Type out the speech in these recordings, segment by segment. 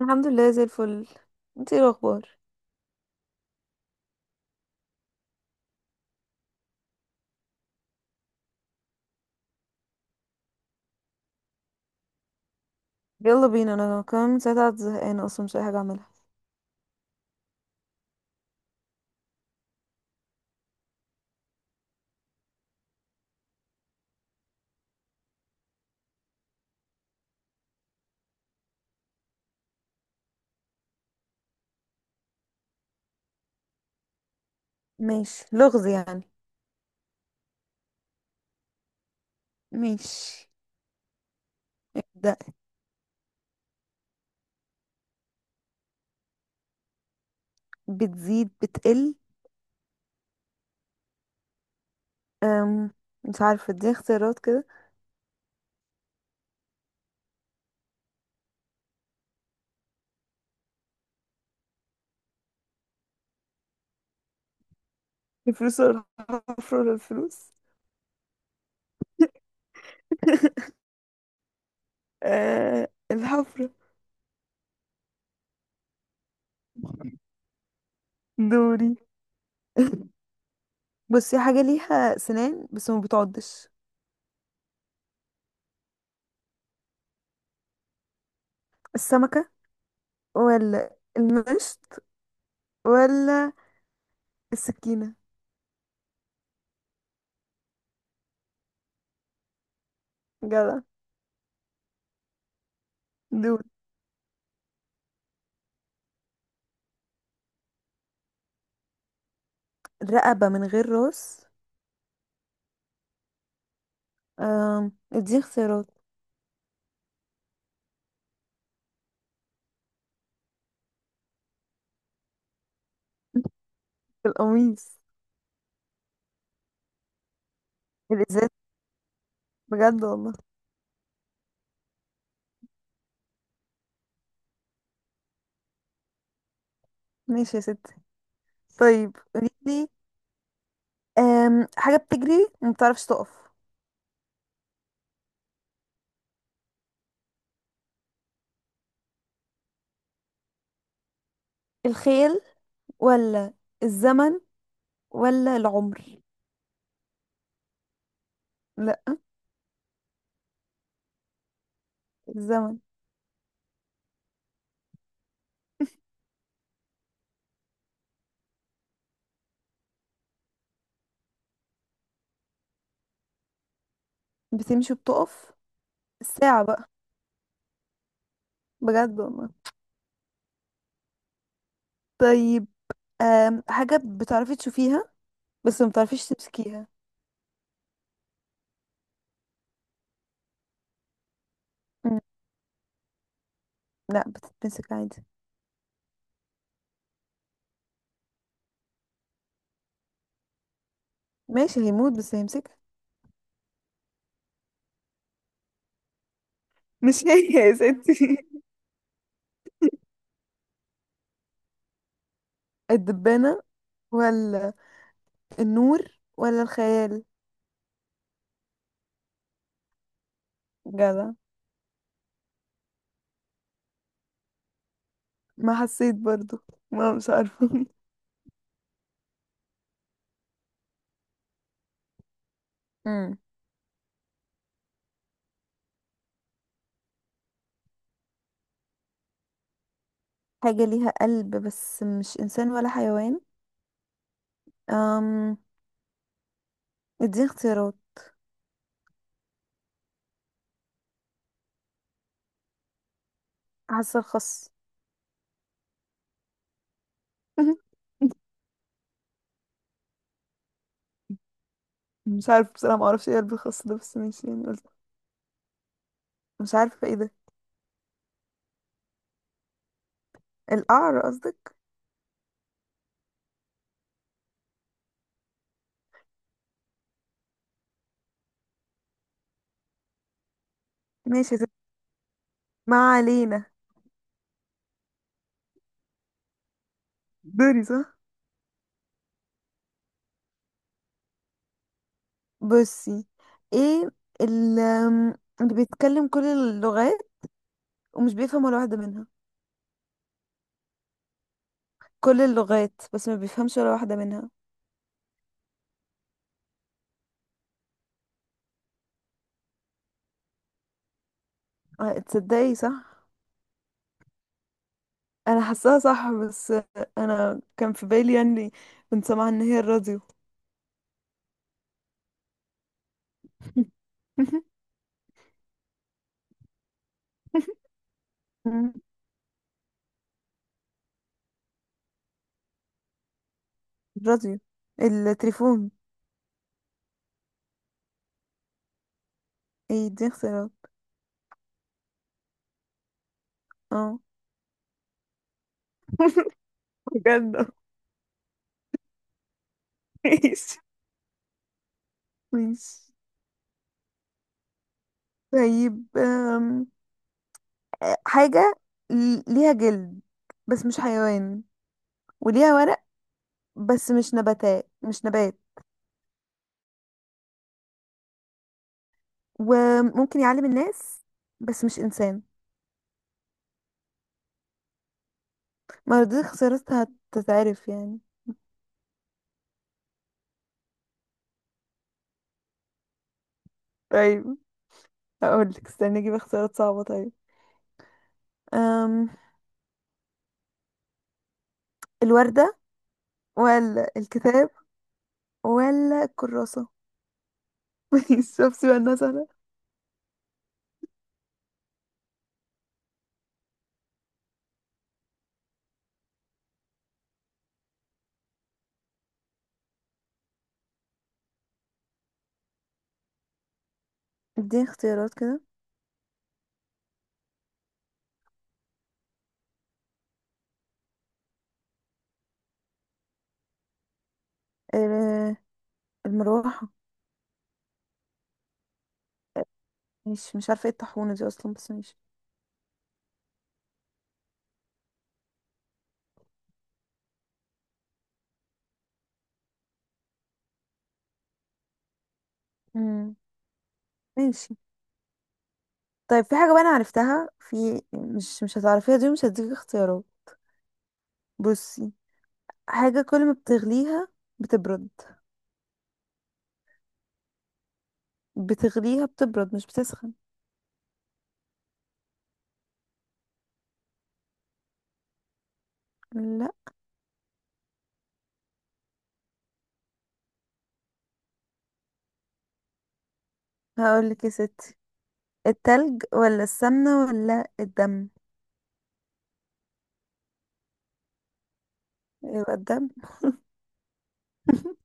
الحمد لله زي الفل. انت ايه الاخبار؟ يلا بينا، انا كمان من ساعتها قاعدة زهقانه اصلا مش لاقي حاجه اعملها. ماشي، لغز يعني. ماشي، ابدا. بتزيد بتقل؟ أم مش عارفه، دي اختيارات كده؟ الفلوس ولا الحفره ولا الفلوس؟ أه، الحفره. دوري. بصي، حاجه ليها سنان بس ما بتعضش. السمكه ولا المشط ولا السكينه؟ جدع. دول. رقبه من غير راس؟ اديني اختيارات. القميص. الازاز. بجد والله. ماشي يا ستي. طيب قوليلي، حاجة بتجري وما بتعرفش تقف. الخيل ولا الزمن ولا العمر؟ لا، الزمن. بتمشي وبتقف؟ الساعة بقى. بجد والله. طيب، حاجة بتعرفي تشوفيها بس ما بتعرفيش تمسكيها. مم، لا، بتتمسك عادي. ماشي هيموت بس هيمسكها. مش هي يا ستي. الدبانة ولا النور ولا الخيال؟ جدع. ما حسيت برضو. ما مش عارفة. امم. حاجة ليها قلب بس مش إنسان ولا حيوان؟ أم، اديني اختيارات. حاسة الخس. مش عارفة بصراحة، معرفش ايه قلب الخس ده، بس ماشي يعني قلت. مش عارفة ايه ده. القعر قصدك. ماشي يا ستي. ما علينا. دوري صح. بصي، ايه ال- أم، اللي بيتكلم كل اللغات ومش بيفهم ولا واحدة منها؟ كل اللغات بس ما بيفهمش ولا واحدة منها. آه، تصدقي صح. انا حاساها صح، بس انا كان في بالي يعني، كنت سامعه ان هي الراديو. مم. الراديو. التليفون. ايه دي اختيارات. اه. بجد. ماشي ماشي. طيب أم، حاجة ليها جلد بس مش حيوان، وليها ورق بس مش نبات، وممكن يعلم الناس بس مش إنسان. ما هو دي خسارتها، هتتعرف يعني. طيب هقول لك، استني اجيب اختيارات صعبة طيب. أم... الوردة ولا الكتاب ولا الكراسة؟ شفتي بقى الناس انا. اديني اختيارات كده. ال- المروحة. مش عارفة ايه الطاحونة دي اصلا، بس ماشي. مم. ماشي. طيب في حاجة بقى انا عرفتها، في مش هتعرفيها، دي مش هديك اختيارات. بصي، حاجة كل ما بتغليها بتبرد. بتغليها بتبرد مش بتسخن. لا. هقول لك يا ستي، التلج ولا السمنة ولا الدم؟ يبقى الدم.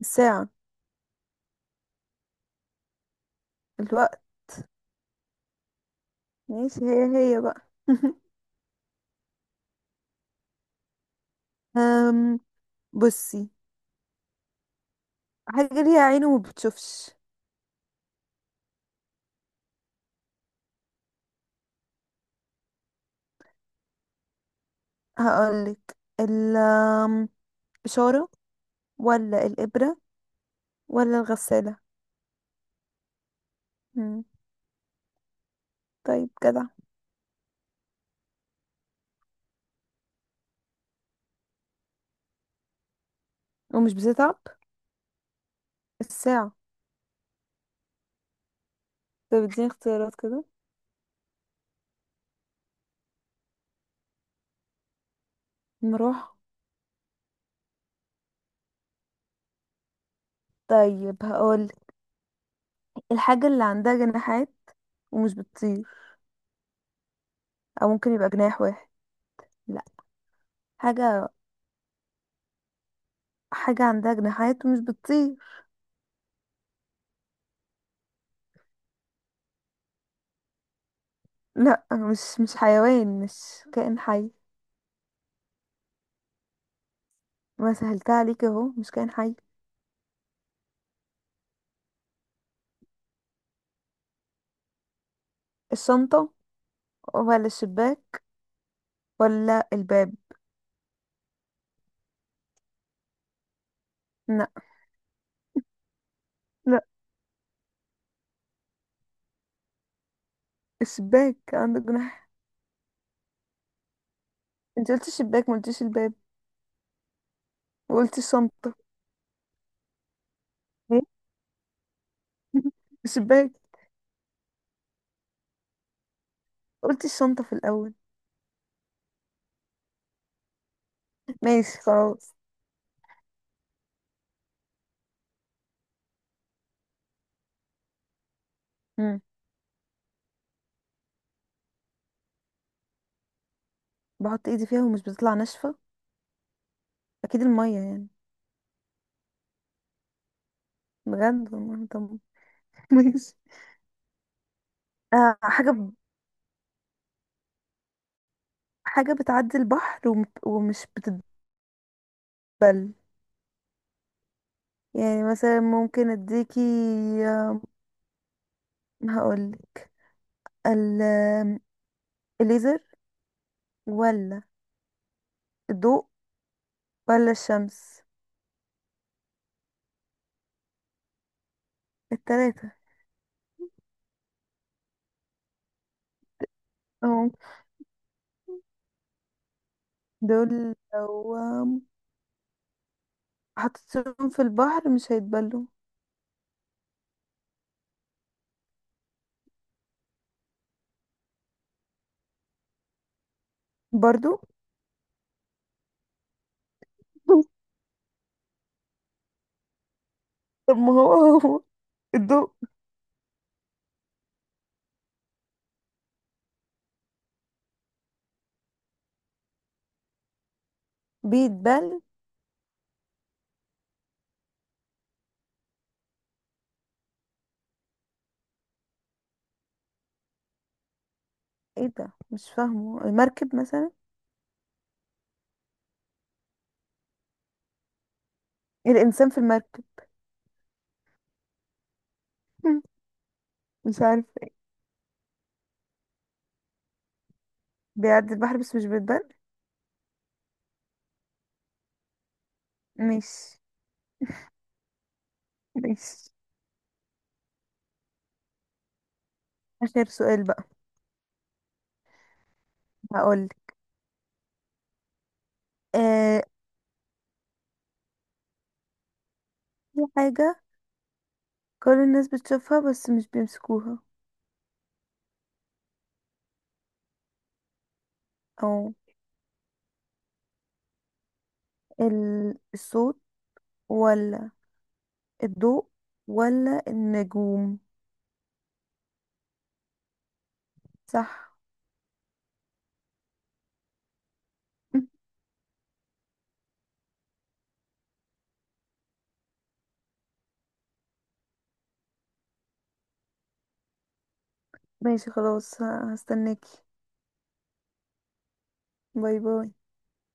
الساعة. الوقت. ماشي، هي هي بقى. أم، بصي، حاجة ليها عين وما بتشوفش. هقولك، الإشارة ولا الإبرة ولا الغسالة؟ مم. طيب جدع. ومش بتتعب. الساعة. طيب اديني اختيارات كده. المروحة. طيب هقولك، الحاجة اللي عندها جناحات ومش بتطير، أو ممكن يبقى جناح واحد. لا. حاجة، حاجة عندها جناحات ومش بتطير. لا، مش حيوان، مش كائن حي. وسهلتها عليك اهو، مش كائن حي. الشنطة ولا الشباك ولا الباب؟ لا. لا. الشباك عندك جناح. انت قلت الشباك، ما قلتيش الباب، وقلت الشنطة. ايه. الشباك. قلت الشنطة في الأول. ماشي خلاص. مم. بحط ايدي فيها ومش بتطلع ناشفة. أكيد المية يعني. بجد والله. طب. ماشي. آه، حاجة بتعدي البحر وم... ومش بتتبل. يعني مثلا ممكن اديكي آه، هقولك ال... الليزر ولا الضوء ولا الشمس؟ التلاتة اه. دول لو حطيتهم في البحر مش هيتبلوا. برضو. طب ما هو، هو الضوء بيتبل؟ ايه ده، مش فاهمه. المركب مثلا، الانسان في المركب. مش عارفه ايه بيعدي البحر بس مش بيتبل. مش مش اخر سؤال بقى. هقولك آه، في حاجه كل الناس بتشوفها بس مش بيمسكوها. او الصوت ولا الضوء ولا النجوم؟ صح. ماشي خلاص. هستناكي. باي باي.